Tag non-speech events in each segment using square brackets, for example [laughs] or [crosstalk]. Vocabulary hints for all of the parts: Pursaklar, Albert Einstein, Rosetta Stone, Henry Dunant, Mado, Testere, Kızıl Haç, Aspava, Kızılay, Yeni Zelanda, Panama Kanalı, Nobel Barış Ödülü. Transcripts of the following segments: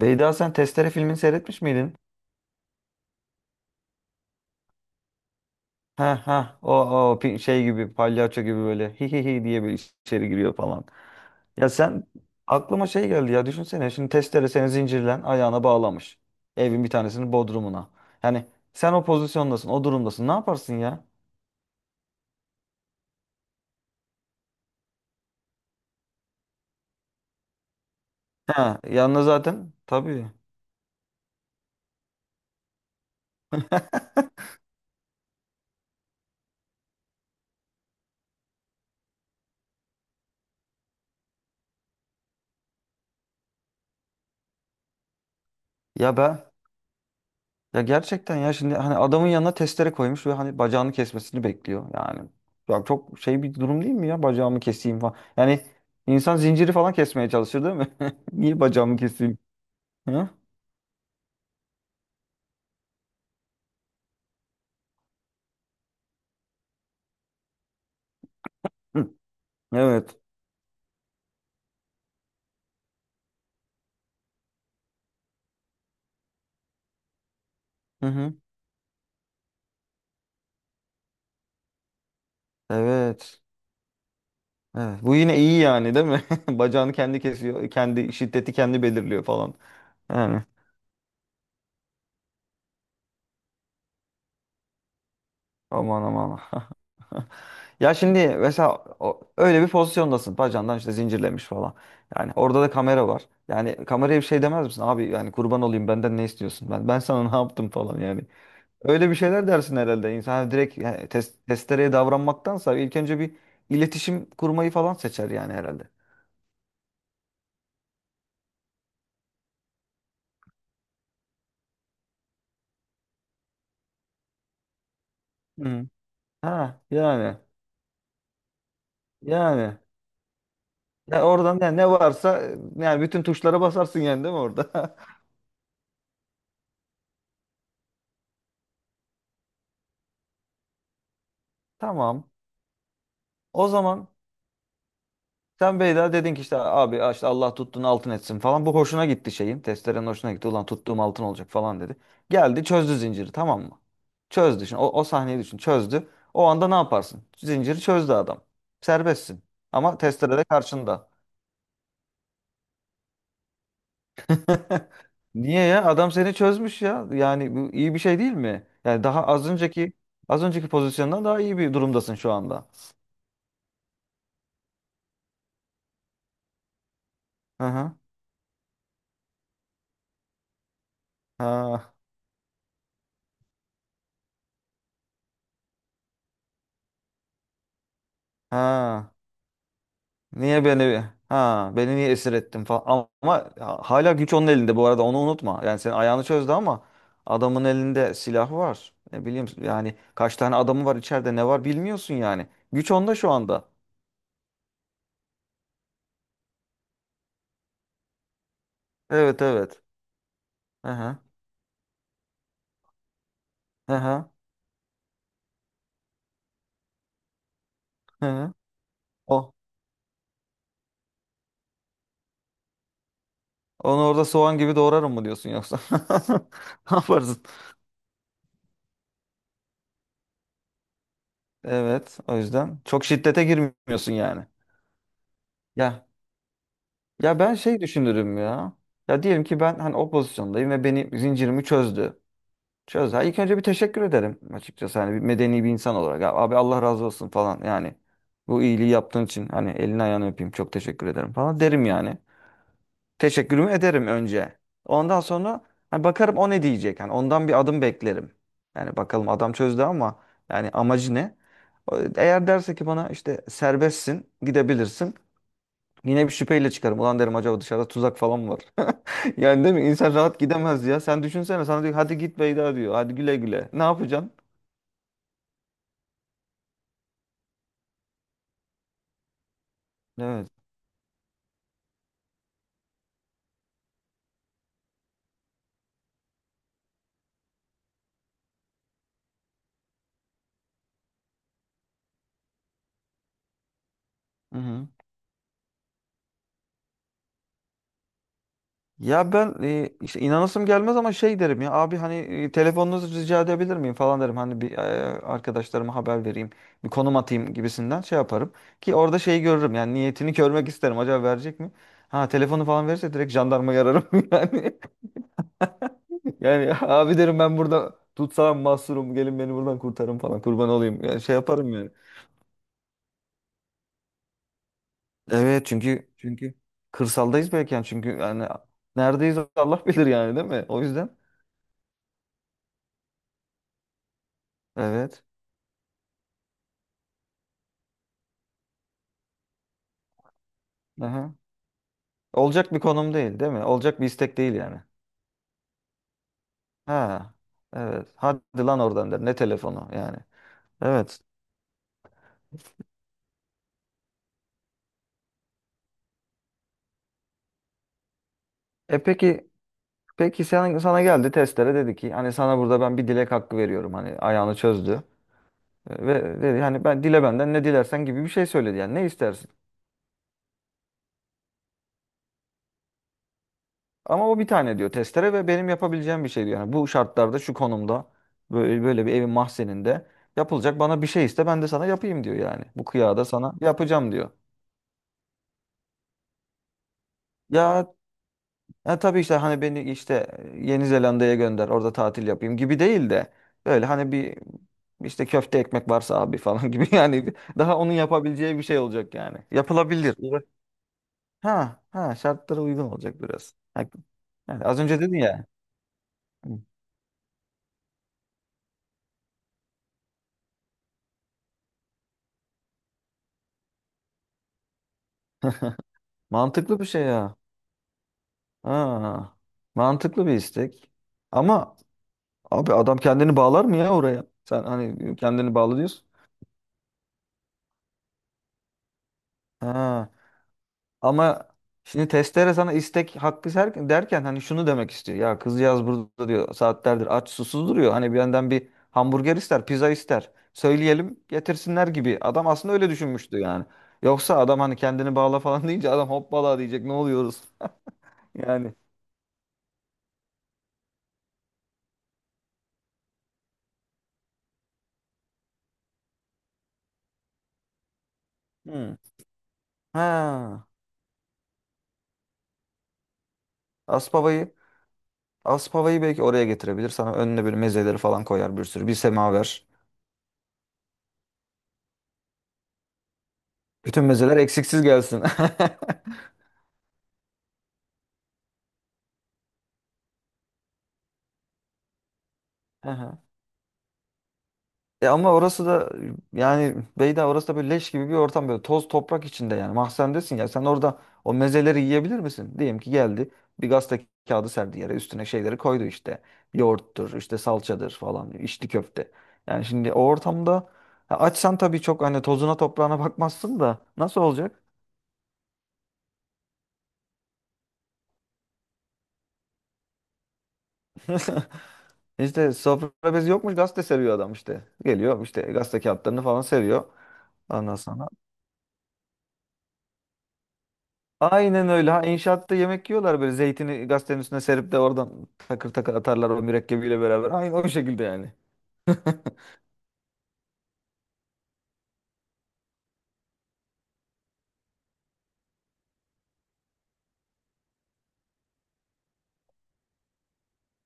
Beyda, sen Testere filmini seyretmiş miydin? Ha ha, şey gibi, palyaço gibi, böyle hi hi hi diye bir içeri giriyor falan. Ya sen Aklıma şey geldi ya, düşünsene, şimdi Testere seni zincirlen ayağına bağlamış. Evin bir tanesinin bodrumuna. Yani sen o pozisyondasın, o durumdasın, ne yaparsın ya? Ha, yanına zaten tabii. [laughs] Ya ben Ya gerçekten ya, şimdi hani adamın yanına testere koymuş ve hani bacağını kesmesini bekliyor. Yani ya, çok şey bir durum değil mi ya, bacağımı keseyim falan. Yani insan zinciri falan kesmeye çalışır değil mi? [laughs] Niye bacağımı keseyim? Hı? Hı. Evet. Hı hı. Evet. Evet, bu yine iyi yani değil mi? [laughs] Bacağını kendi kesiyor. Kendi şiddeti kendi belirliyor falan. Yani. Aman aman. [laughs] Ya şimdi mesela öyle bir pozisyondasın. Bacandan işte zincirlemiş falan. Yani orada da kamera var. Yani kameraya bir şey demez misin? Abi yani kurban olayım, benden ne istiyorsun? Ben ben sana [laughs] ne yaptım falan yani. Öyle bir şeyler dersin herhalde. İnsan hani direkt, yani testereye davranmaktansa ilk önce bir iletişim kurmayı falan seçer yani herhalde. Hı. Ha yani yani. Ya oradan, ne varsa yani, bütün tuşlara basarsın yani değil mi orada? [laughs] Tamam. O zaman, sen Beyda dedin ki işte abi, işte Allah tuttuğunu altın etsin falan. Bu hoşuna gitti şeyin, Testerenin hoşuna gitti. Ulan tuttuğum altın olacak falan dedi. Geldi, çözdü zinciri, tamam mı? Çözdü şimdi. O sahneyi düşün. Çözdü. O anda ne yaparsın? Zinciri çözdü adam. Serbestsin. Ama testere de karşında. [laughs] Niye ya? Adam seni çözmüş ya. Yani bu iyi bir şey değil mi? Yani daha az önceki pozisyondan daha iyi bir durumdasın şu anda. Hı hı. Ha. Ha. Niye beni ha beni niye esir ettin falan, ama hala güç onun elinde bu arada, onu unutma. Yani senin ayağını çözdü ama adamın elinde silah var. Ne bileyim yani, kaç tane adamı var içeride, ne var bilmiyorsun yani. Güç onda şu anda. Evet, evet. Hı hı. Hı hı. Hı hı. O. Onu orada soğan gibi doğrarım mı diyorsun yoksa? [laughs] Ne yaparsın? Evet, o yüzden çok şiddete girmiyorsun yani. Ya ya ben şey düşünürüm ya. Ya diyelim ki ben hani o pozisyondayım ve zincirimi çözdü. Çözer. İlk önce bir teşekkür ederim açıkçası. Hani bir medeni bir insan olarak. Ya abi, Allah razı olsun falan yani. Bu iyiliği yaptığın için hani elini ayağını öpeyim, çok teşekkür ederim falan derim yani. Teşekkürümü ederim önce. Ondan sonra hani bakarım o ne diyecek. Hani ondan bir adım beklerim. Yani bakalım adam çözdü ama yani amacı ne? Eğer derse ki bana işte serbestsin, gidebilirsin. Yine bir şüpheyle çıkarım. Ulan derim, acaba dışarıda tuzak falan mı var? [laughs] Yani değil mi? İnsan rahat gidemez ya. Sen düşünsene, sana diyor hadi git Beyda diyor. Hadi güle güle. Ne yapacaksın? Evet. Hı hı. Ya ben işte inanasım gelmez ama şey derim, ya abi hani telefonunuzu rica edebilir miyim falan derim. Hani bir arkadaşlarıma haber vereyim, bir konum atayım gibisinden şey yaparım ki orada şeyi görürüm. Yani niyetini görmek isterim. Acaba verecek mi? Ha, telefonu falan verirse direkt jandarmayı ararım [laughs] yani. Yani abi derim ben burada tutsam mahsurum, gelin beni buradan kurtarın falan, kurban olayım. Yani şey yaparım yani. Evet, çünkü kırsaldayız belki yani, çünkü yani neredeyiz Allah bilir yani değil mi? O yüzden evet. Aha. Olacak bir konum değil, değil mi? Olacak bir istek değil yani. Ha. Evet. Hadi lan oradan der. Ne telefonu yani. Evet. E peki sen, sana geldi Testere dedi ki hani sana burada ben bir dilek hakkı veriyorum. Hani ayağını çözdü. Ve dedi hani ben dile, benden ne dilersen gibi bir şey söyledi yani, ne istersin? Ama o bir tane diyor Testere ve benim yapabileceğim bir şey diyor. Yani bu şartlarda, şu konumda, böyle, böyle bir evin mahzeninde yapılacak bana bir şey iste, ben de sana yapayım diyor yani. Bu kıyada sana yapacağım diyor. Ya Ya tabii işte hani beni işte Yeni Zelanda'ya gönder orada tatil yapayım gibi değil de böyle hani bir işte köfte ekmek varsa abi falan [laughs] gibi yani, daha onun yapabileceği bir şey olacak yani. Yapılabilir. Ha ha, şartlara uygun olacak biraz. Ha, yani az önce dedin ya. Hı. [laughs] Mantıklı bir şey ya. Ha, mantıklı bir istek. Ama abi adam kendini bağlar mı ya oraya? Sen hani kendini bağlı diyorsun. Ha. Ama şimdi testere sana istek hakkı derken hani şunu demek istiyor. Ya kızcağız burada diyor saatlerdir aç susuz duruyor. Hani bir yandan bir hamburger ister, pizza ister. Söyleyelim getirsinler gibi. Adam aslında öyle düşünmüştü yani. Yoksa adam hani kendini bağla falan [laughs] deyince adam hoppala diyecek, ne oluyoruz. [laughs] Yani. Hmm. Ha. Aspava'yı Aspava'yı belki oraya getirebilir. Sana önüne böyle mezeleri falan koyar bir sürü. Bir semaver. Bütün mezeler eksiksiz gelsin. [laughs] Aha. E ama orası da yani Beyda, orası da böyle leş gibi bir ortam, böyle toz toprak içinde yani, mahzendesin ya sen orada o mezeleri yiyebilir misin? Diyelim ki geldi, bir gazete kağıdı serdi yere, üstüne şeyleri koydu işte, yoğurttur işte, salçadır falan, içli köfte. Yani şimdi o ortamda, ya açsan tabii çok hani tozuna toprağına bakmazsın da nasıl olacak? [laughs] İşte sofra bezi yokmuş, gazete seriyor adam işte, geliyor işte gazete kağıtlarını falan seriyor. Anlasam. Aynen öyle. Ha, inşaatta yemek yiyorlar böyle, zeytini gazetenin üstüne serip de oradan takır takır atarlar o mürekkebiyle beraber. Aynı o şekilde yani.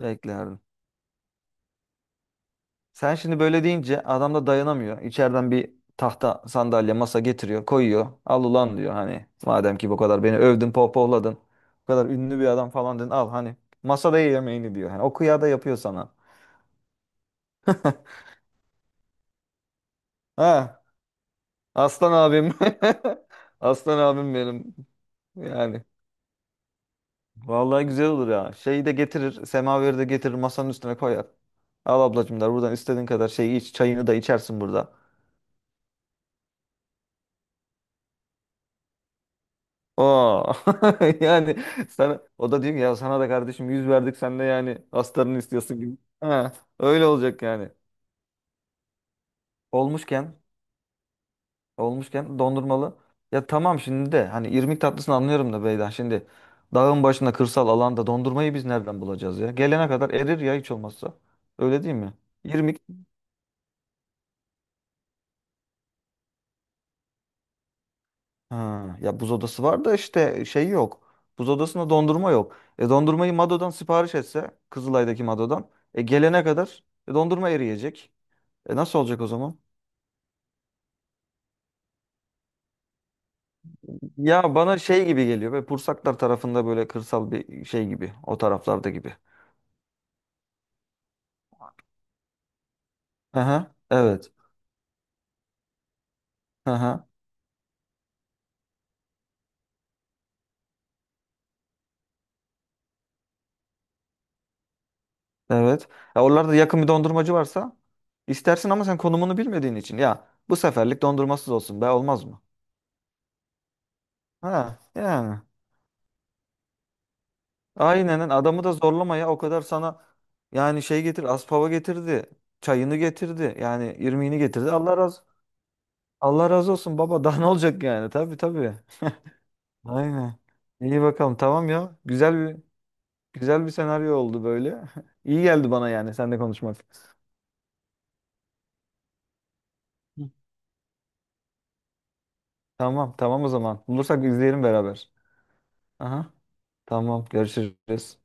Beklerdim. Sen şimdi böyle deyince adam da dayanamıyor. İçeriden bir tahta sandalye masa getiriyor koyuyor. Al ulan diyor, hani madem ki bu kadar beni övdün, pohpohladın. Bu kadar ünlü bir adam falan dedin, al hani masada ye yemeğini diyor. Yani o kıyada yapıyor sana. [laughs] Ha, aslan abim. [laughs] Aslan abim benim. Yani. Vallahi güzel olur ya. Şeyi de getirir. Semaveri de getirir. Masanın üstüne koyar. Al ablacım der. Buradan istediğin kadar şeyi iç. Çayını da içersin burada. Oo. [laughs] Yani sana o da diyor ki, ya sana da kardeşim yüz verdik, sen de yani astarını istiyorsun gibi. Ha, öyle olacak yani. Olmuşken olmuşken dondurmalı. Ya tamam, şimdi de hani irmik tatlısını anlıyorum da Beyda, şimdi dağın başında, kırsal alanda dondurmayı biz nereden bulacağız ya? Gelene kadar erir ya hiç olmazsa. Öyle değil mi? Ha, ya buz odası var da işte şey yok. Buz odasında dondurma yok. E dondurmayı Mado'dan sipariş etse, Kızılay'daki Mado'dan, gelene kadar dondurma eriyecek. E nasıl olacak o zaman? Ya bana şey gibi geliyor ve Pursaklar tarafında böyle kırsal bir şey gibi, o taraflarda gibi. Aha, evet. Aha, evet. Ya oralarda yakın bir dondurmacı varsa istersin ama sen konumunu bilmediğin için, ya bu seferlik dondurmasız olsun, be olmaz mı? Ha, yani. Aynen adamı da zorlama ya, o kadar sana yani şey getir, aspava getirdi, çayını getirdi yani, irmiğini getirdi, Allah razı. Allah razı olsun baba [laughs] daha ne olacak yani, tabii, tabii, aynen. İyi bakalım, tamam ya, güzel bir senaryo oldu böyle. [laughs] İyi geldi bana yani seninle konuşmak. Hı. Tamam, tamam, o zaman bulursak izleyelim beraber. Aha. Tamam, görüşürüz.